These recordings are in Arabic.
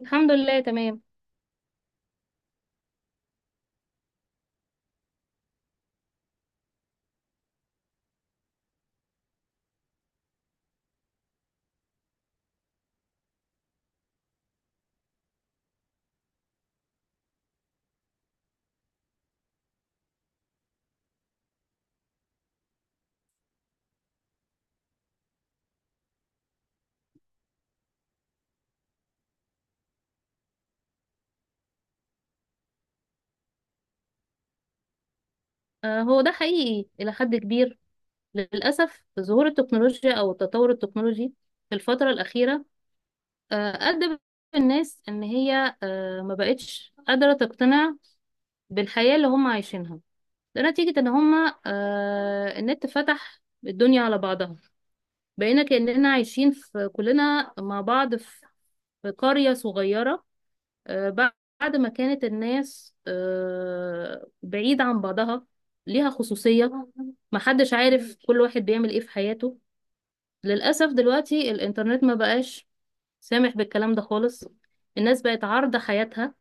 الحمد لله، تمام. هو ده حقيقي إلى حد كبير. للأسف ظهور التكنولوجيا أو التطور التكنولوجي في الفترة الأخيرة آه، أدى الناس إن هي ما بقتش قادرة تقتنع بالحياة اللي هم عايشينها. ده نتيجة إن هم النت فتح الدنيا على بعضها. بقينا كأننا عايشين في كلنا مع بعض في قرية صغيرة. آه، بعد ما كانت الناس بعيدة عن بعضها، ليها خصوصية، محدش عارف كل واحد بيعمل ايه في حياته. للأسف دلوقتي الإنترنت ما بقاش سامح بالكلام ده خالص. الناس بقت عارضة حياتها،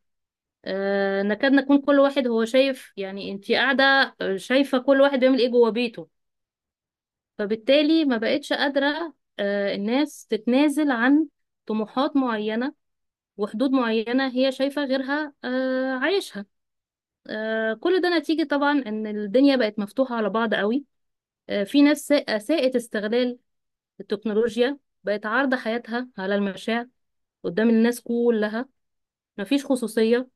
نكاد نكون كل واحد هو شايف، يعني انتي قاعدة شايفة كل واحد بيعمل ايه جوه بيته. فبالتالي ما بقتش قادرة الناس تتنازل عن طموحات معينة وحدود معينة هي شايفة غيرها عايشها. كل ده نتيجة طبعا إن الدنيا بقت مفتوحة على بعض قوي. في ناس أساءت استغلال التكنولوجيا، بقت عارضة حياتها على المشاع قدام الناس كلها، مفيش خصوصية.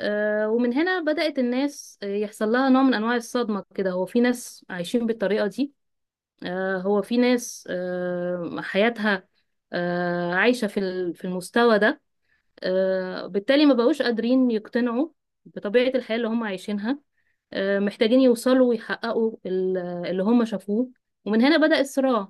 ومن هنا بدأت الناس يحصل لها نوع من أنواع الصدمة كده. هو في ناس عايشين بالطريقة دي، هو في ناس حياتها عايشة في المستوى ده. بالتالي ما بقوش قادرين يقتنعوا بطبيعة الحياة اللي هم عايشينها. محتاجين يوصلوا ويحققوا اللي هم شافوه. ومن هنا بدأ الصراع.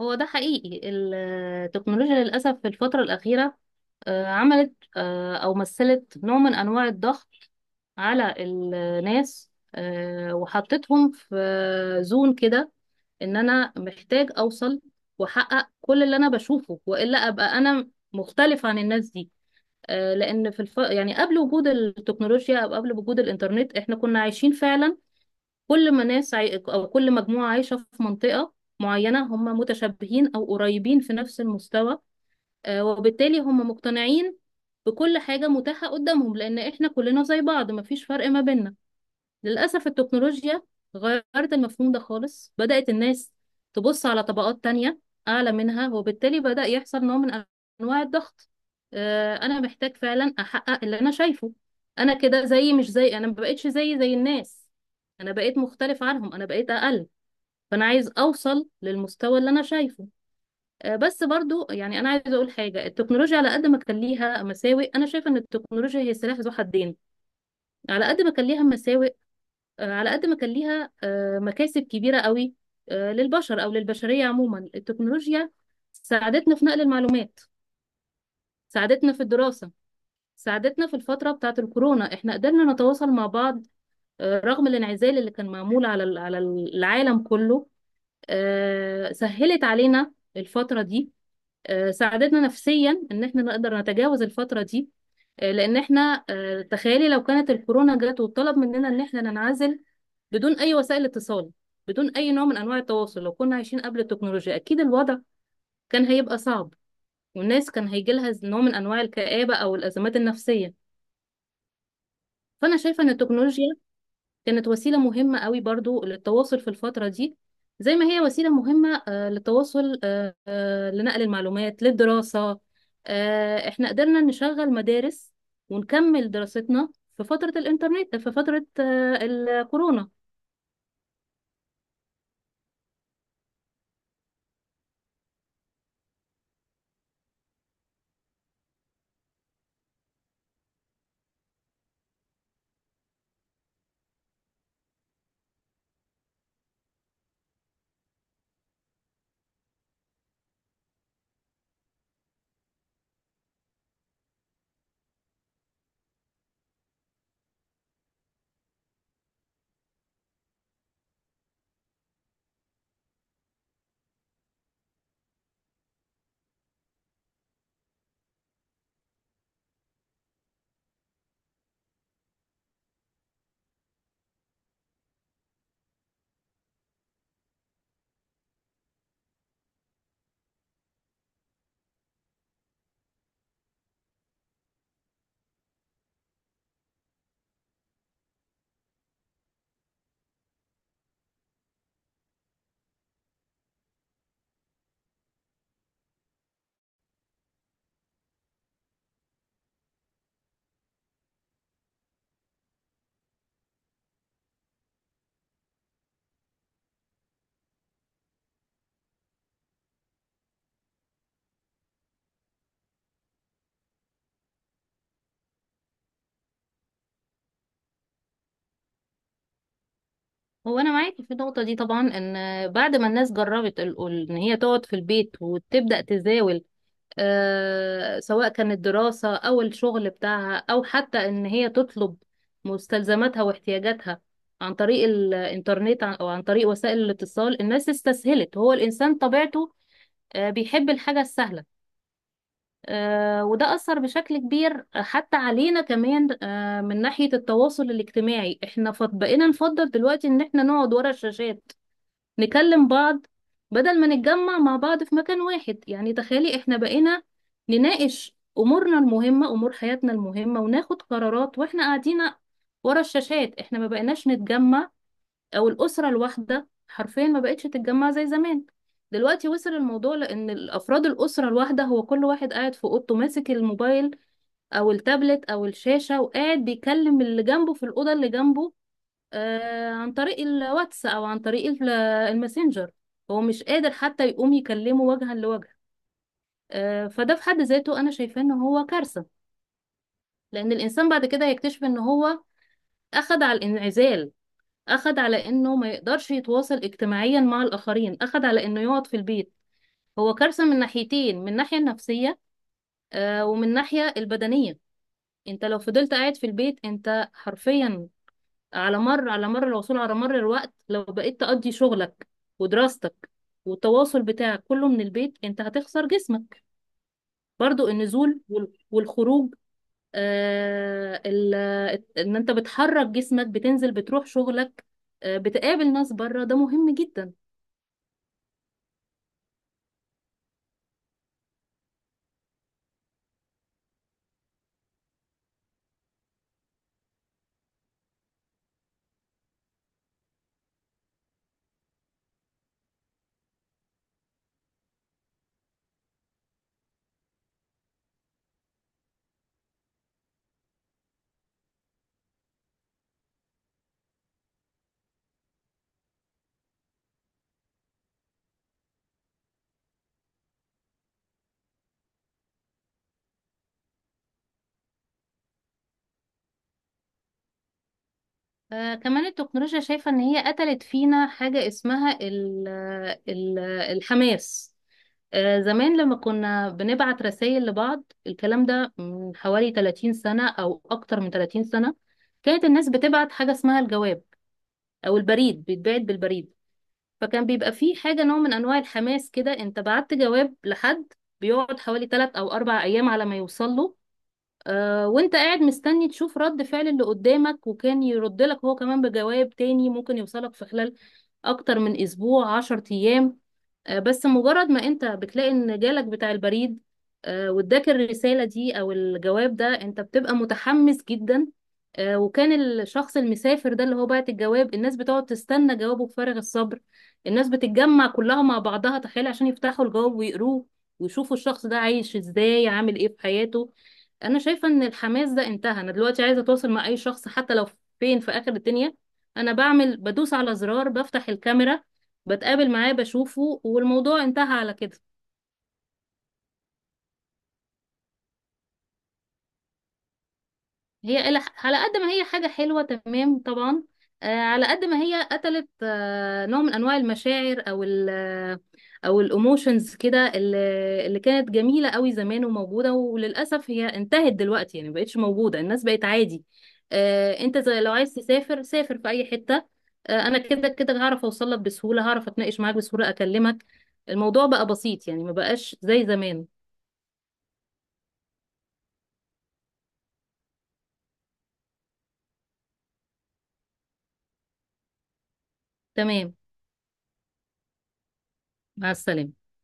هو ده حقيقي. التكنولوجيا للأسف في الفترة الأخيرة عملت أو مثلت نوع من أنواع الضغط على الناس، وحطتهم في زون كده، إن أنا محتاج أوصل وأحقق كل اللي أنا بشوفه، وإلا أبقى أنا مختلف عن الناس دي. لان يعني قبل وجود التكنولوجيا او قبل وجود الانترنت احنا كنا عايشين فعلا كل ما ناس عاي... او كل مجموعه عايشه في منطقه معينه، هم متشابهين او قريبين في نفس المستوى. وبالتالي هم مقتنعين بكل حاجه متاحه قدامهم، لان احنا كلنا زي بعض مفيش فرق ما بيننا. للأسف التكنولوجيا غيرت المفهوم ده خالص، بدأت الناس تبص على طبقات تانية أعلى منها، وبالتالي بدأ يحصل نوع من أنواع الضغط. أنا محتاج فعلا أحقق اللي أنا شايفه. أنا كده زي مش زي، أنا ما بقتش زي الناس، أنا بقيت مختلف عنهم، أنا بقيت أقل، فأنا عايز أوصل للمستوى اللي أنا شايفه. بس برضو يعني أنا عايزة أقول حاجة، التكنولوجيا على قد ما كان ليها مساوئ، أنا شايفة إن التكنولوجيا هي سلاح ذو حدين. على قد ما كان ليها مساوئ، على قد ما كان ليها مكاسب كبيرة قوي للبشر أو للبشرية عموما. التكنولوجيا ساعدتنا في نقل المعلومات، ساعدتنا في الدراسة، ساعدتنا في الفترة بتاعة الكورونا، احنا قدرنا نتواصل مع بعض رغم الانعزال اللي كان معمول على العالم كله. سهلت علينا الفترة دي، ساعدتنا نفسيا ان احنا نقدر نتجاوز الفترة دي. لان احنا تخيلي لو كانت الكورونا جت وطلب مننا ان احنا ننعزل بدون اي وسائل اتصال، بدون اي نوع من انواع التواصل، لو كنا عايشين قبل التكنولوجيا اكيد الوضع كان هيبقى صعب، والناس كان هيجي لها نوع من انواع الكآبة او الازمات النفسية. فانا شايفة ان التكنولوجيا كانت وسيلة مهمة قوي برضو للتواصل في الفترة دي، زي ما هي وسيلة مهمة للتواصل لنقل المعلومات للدراسة. احنا قدرنا نشغل مدارس ونكمل دراستنا في فترة الإنترنت، في فترة الكورونا. هو أنا معاك في النقطة دي طبعا، إن بعد ما الناس جربت إن هي تقعد في البيت وتبدأ تزاول، سواء كانت دراسة أو الشغل بتاعها، أو حتى إن هي تطلب مستلزماتها واحتياجاتها عن طريق الإنترنت، أو عن طريق وسائل الاتصال. الناس استسهلت. هو الإنسان طبيعته بيحب الحاجة السهلة. وده أثر بشكل كبير حتى علينا كمان من ناحية التواصل الاجتماعي. احنا بقينا نفضل دلوقتي إن احنا نقعد ورا الشاشات نكلم بعض بدل ما نتجمع مع بعض في مكان واحد. يعني تخيلي احنا بقينا نناقش امورنا المهمة، امور حياتنا المهمة، وناخد قرارات واحنا قاعدين ورا الشاشات. احنا ما بقيناش نتجمع، او الاسرة الواحدة حرفيا ما بقتش تتجمع زي زمان. دلوقتي وصل الموضوع لان الافراد الاسرة الواحدة هو كل واحد قاعد في اوضته ماسك الموبايل او التابلت او الشاشة، وقاعد بيكلم اللي جنبه في الاوضة اللي جنبه، عن طريق الواتس او عن طريق الماسنجر، هو مش قادر حتى يقوم يكلمه وجها لوجه. فده في حد ذاته انا شايفاه ان هو كارثة. لان الانسان بعد كده هيكتشف ان هو اخد على الانعزال، اخد على انه ما يقدرش يتواصل اجتماعيا مع الاخرين، اخد على انه يقعد في البيت. هو كارثة من ناحيتين، من الناحية النفسية ومن الناحية البدنية. انت لو فضلت قاعد في البيت، انت حرفيا على مر العصور، على مر الوقت، لو بقيت تقضي شغلك ودراستك والتواصل بتاعك كله من البيت، انت هتخسر جسمك. برضو النزول والخروج، آه ال- ان انت بتحرك جسمك، بتنزل بتروح شغلك، بتقابل ناس بره، ده مهم جدا. كمان التكنولوجيا شايفة ان هي قتلت فينا حاجة اسمها ال الحماس. زمان لما كنا بنبعت رسائل لبعض، الكلام ده من حوالي 30 سنة أو أكتر من 30 سنة. كانت الناس بتبعت حاجة اسمها الجواب، أو البريد، بيتبعت بالبريد. فكان بيبقى فيه حاجة، نوع من أنواع الحماس كده. أنت بعت جواب لحد، بيقعد حوالي 3 أو 4 أيام على ما يوصل له، وانت قاعد مستني تشوف رد فعل اللي قدامك، وكان يرد لك هو كمان بجواب تاني، ممكن يوصلك في خلال أكتر من أسبوع، 10 أيام. بس مجرد ما انت بتلاقي ان جالك بتاع البريد واداك الرسالة دي او الجواب ده، انت بتبقى متحمس جدا. وكان الشخص المسافر ده اللي هو بعت الجواب، الناس بتقعد تستنى جوابه بفارغ الصبر. الناس بتتجمع كلها مع بعضها، تخيل، عشان يفتحوا الجواب ويقروه، ويشوفوا الشخص ده عايش ازاي، عامل ايه في حياته. انا شايفة ان الحماس ده انتهى. انا دلوقتي عايزة اتواصل مع اي شخص، حتى لو فين في اخر الدنيا، انا بعمل، بدوس على زرار، بفتح الكاميرا، بتقابل معاه، بشوفه، والموضوع انتهى على كده. هي على قد ما هي حاجة حلوة، تمام طبعا، على قد ما هي قتلت نوع من أنواع المشاعر أو ال أو الإيموشنز كده، اللي كانت جميلة قوي زمان وموجودة، وللأسف هي انتهت دلوقتي، يعني مبقتش موجودة، الناس بقت عادي. أنت زي لو عايز تسافر سافر في أي حتة. أنا كده كده هعرف أوصل لك بسهولة، هعرف أتناقش معاك بسهولة، أكلمك. الموضوع بقى بسيط يعني مبقاش زي زمان. تمام، مع السلامة.